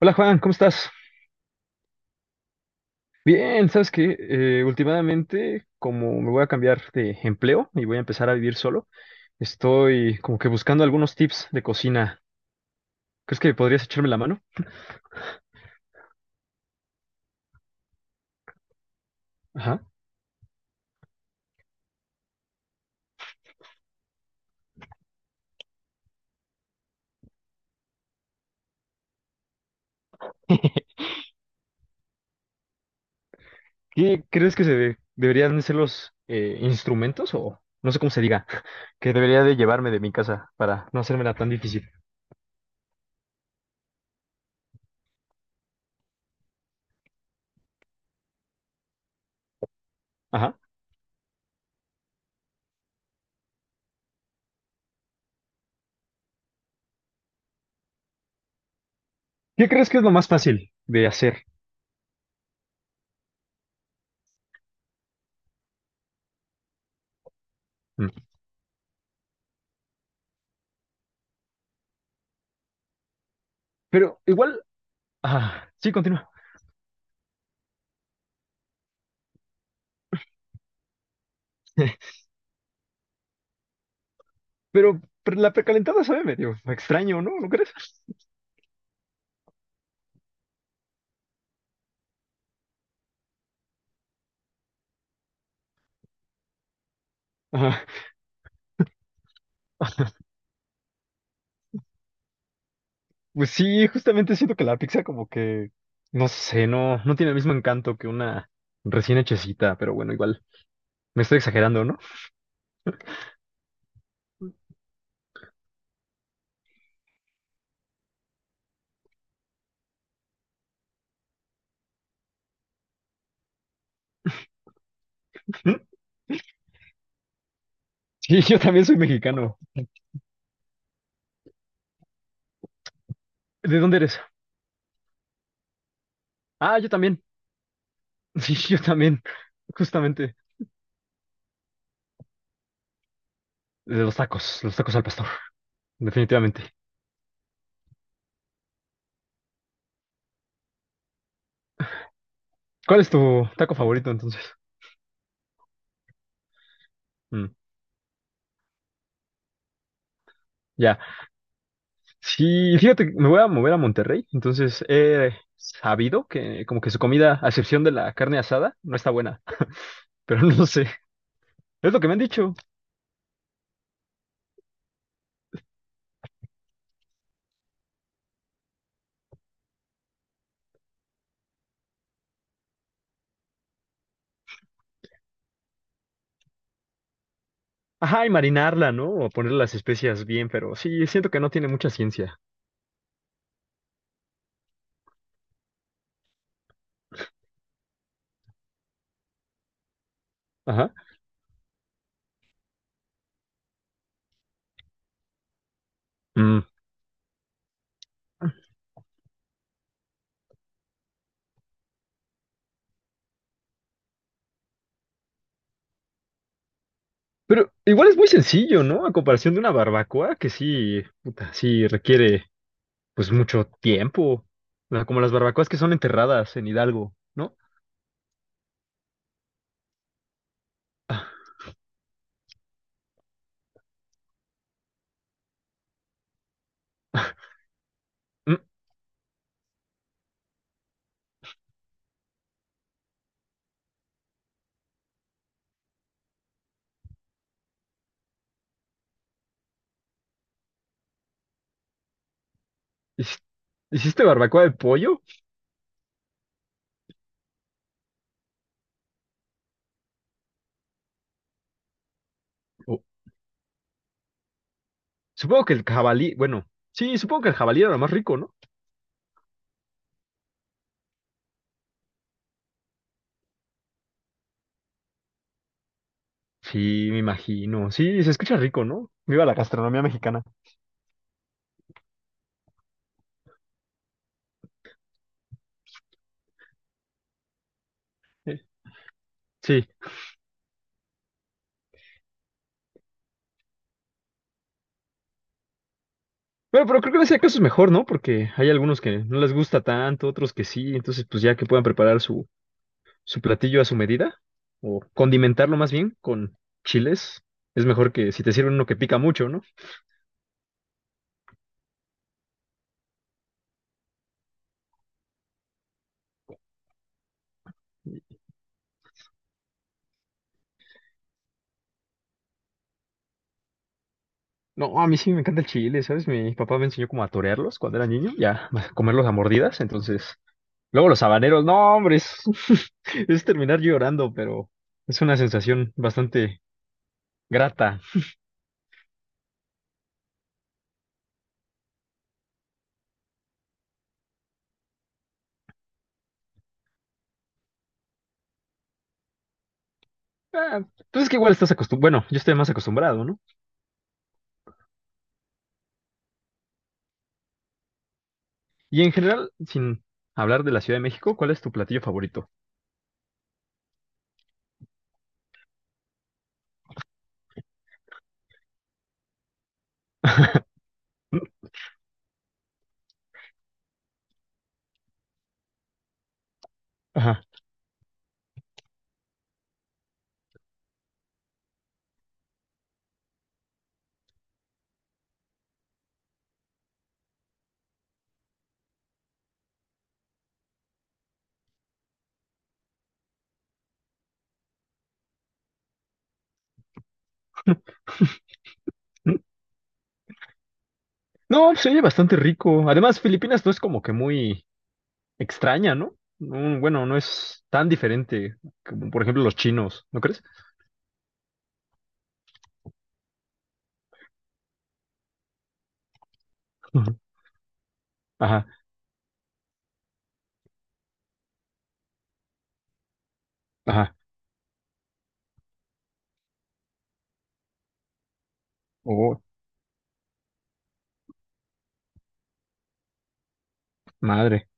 Hola Juan, ¿cómo estás? Bien, sabes que últimamente, como me voy a cambiar de empleo y voy a empezar a vivir solo, estoy como que buscando algunos tips de cocina. ¿Crees que podrías echarme la mano? Ajá. ¿Qué crees que deberían ser los instrumentos o no sé cómo se diga, que debería de llevarme de mi casa para no hacérmela tan difícil? Ajá. ¿Qué crees que es lo más fácil de hacer? Mm. Pero igual, ah, sí, continúa. Pero la precalentada sabe medio extraño, ¿no? ¿No crees? Pues sí, justamente siento que la pizza como que, no sé, no tiene el mismo encanto que una recién hechecita, pero bueno, igual, me estoy exagerando, ¿no? ¿Mm? Sí, yo también soy mexicano. ¿De dónde eres? Ah, yo también. Sí, yo también. Justamente. De los tacos al pastor, definitivamente. ¿Cuál es tu taco favorito entonces? Mm, ya. Sí, fíjate, me voy a mover a Monterrey, entonces he sabido que como que su comida, a excepción de la carne asada, no está buena, pero no sé. Es lo que me han dicho. Ajá, y marinarla, ¿no? O ponerle las especias bien, pero sí, siento que no tiene mucha ciencia. Ajá. Mm. Pero igual es muy sencillo, ¿no? A comparación de una barbacoa, que sí, puta, sí requiere, pues, mucho tiempo. O sea, como las barbacoas que son enterradas en Hidalgo, ¿no? Ah, ah, mm. ¿Hici- ¿Hiciste barbacoa de pollo? O, supongo que el jabalí, bueno, sí, supongo que el jabalí era lo más rico, ¿no? Sí, me imagino. Sí, se escucha rico, ¿no? Viva la gastronomía mexicana. Eh, Sí. Bueno, pero creo que en ese caso es mejor, ¿no? Porque hay algunos que no les gusta tanto, otros que sí, entonces pues ya que puedan preparar su, su platillo a su medida, o condimentarlo más bien con chiles, es mejor que si te sirven uno que pica mucho, ¿no? No, a mí sí me encanta el chile, ¿sabes? Mi papá me enseñó como a torearlos cuando era niño, ya, a comerlos a mordidas, entonces... Luego los habaneros, no, hombre, es, es terminar llorando, pero es una sensación bastante grata. Ah, pues es que igual estás acostumbrado, bueno, yo estoy más acostumbrado, ¿no? Y en general, sin hablar de la Ciudad de México, ¿cuál es tu platillo favorito? Ajá. No, se oye bastante rico. Además, Filipinas no es como que muy extraña, ¿no? No, bueno, no es tan diferente como, por ejemplo, los chinos, ¿no crees? Ujú. Ajá, ajá. Oh, madre.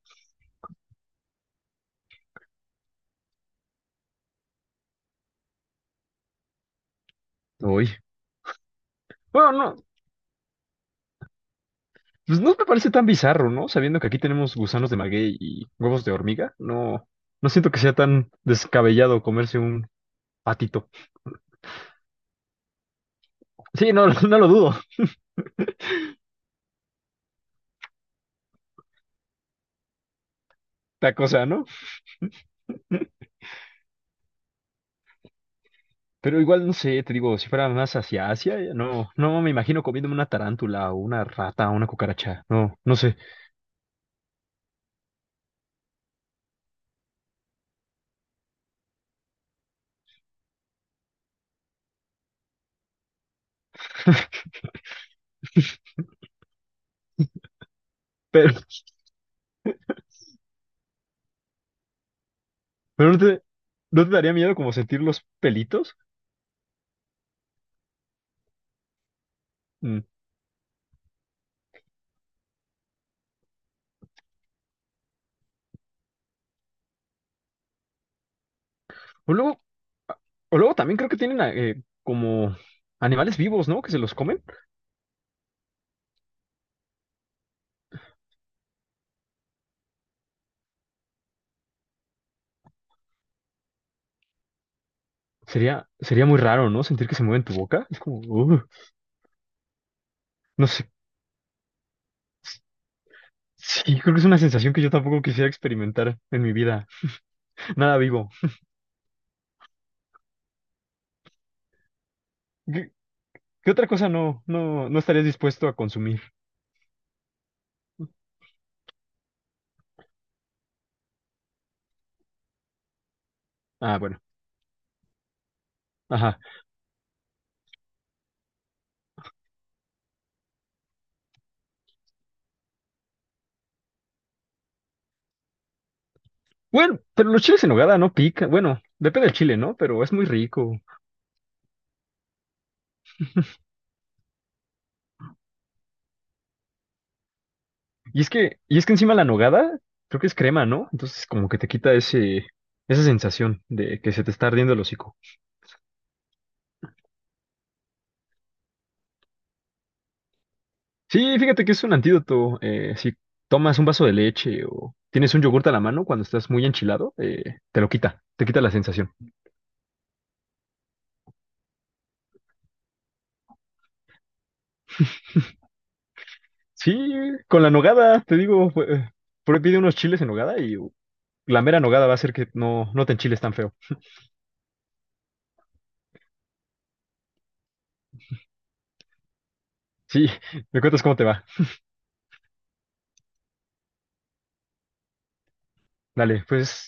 Uy. Bueno, no, pues no me parece tan bizarro, ¿no? Sabiendo que aquí tenemos gusanos de maguey y huevos de hormiga, no siento que sea tan descabellado comerse un patito. Sí, no, no lo dudo. La cosa, ¿no? Pero igual no sé, te digo, si fuera más hacia Asia, no, no me imagino comiéndome una tarántula o una rata o una cucaracha. No, no sé. Pero, pero no te, ¿no te daría miedo como sentir los pelitos? Mm. O luego, o luego también creo que tienen como animales vivos, ¿no? Que se los comen. Sería muy raro, ¿no? Sentir que se mueven tu boca. Es como, no sé. Sí, creo que es una sensación que yo tampoco quisiera experimentar en mi vida. Nada vivo. ¿Qué, ¿qué otra cosa no estarías dispuesto a consumir? Ah, bueno. Ajá. Bueno, pero los chiles en nogada no pican. Bueno, depende del chile, ¿no? Pero es muy rico. Y es que encima la nogada, creo que es crema, ¿no? Entonces como que te quita ese, esa sensación de que se te está ardiendo el hocico. Sí, fíjate que es un antídoto. Si tomas un vaso de leche o tienes un yogurt a la mano cuando estás muy enchilado, te lo quita, te quita la sensación. Sí, con la nogada, te digo, ahí pide unos chiles en nogada y la mera nogada va a hacer que no te enchiles tan feo. Sí, me cuentas cómo te va. Dale, pues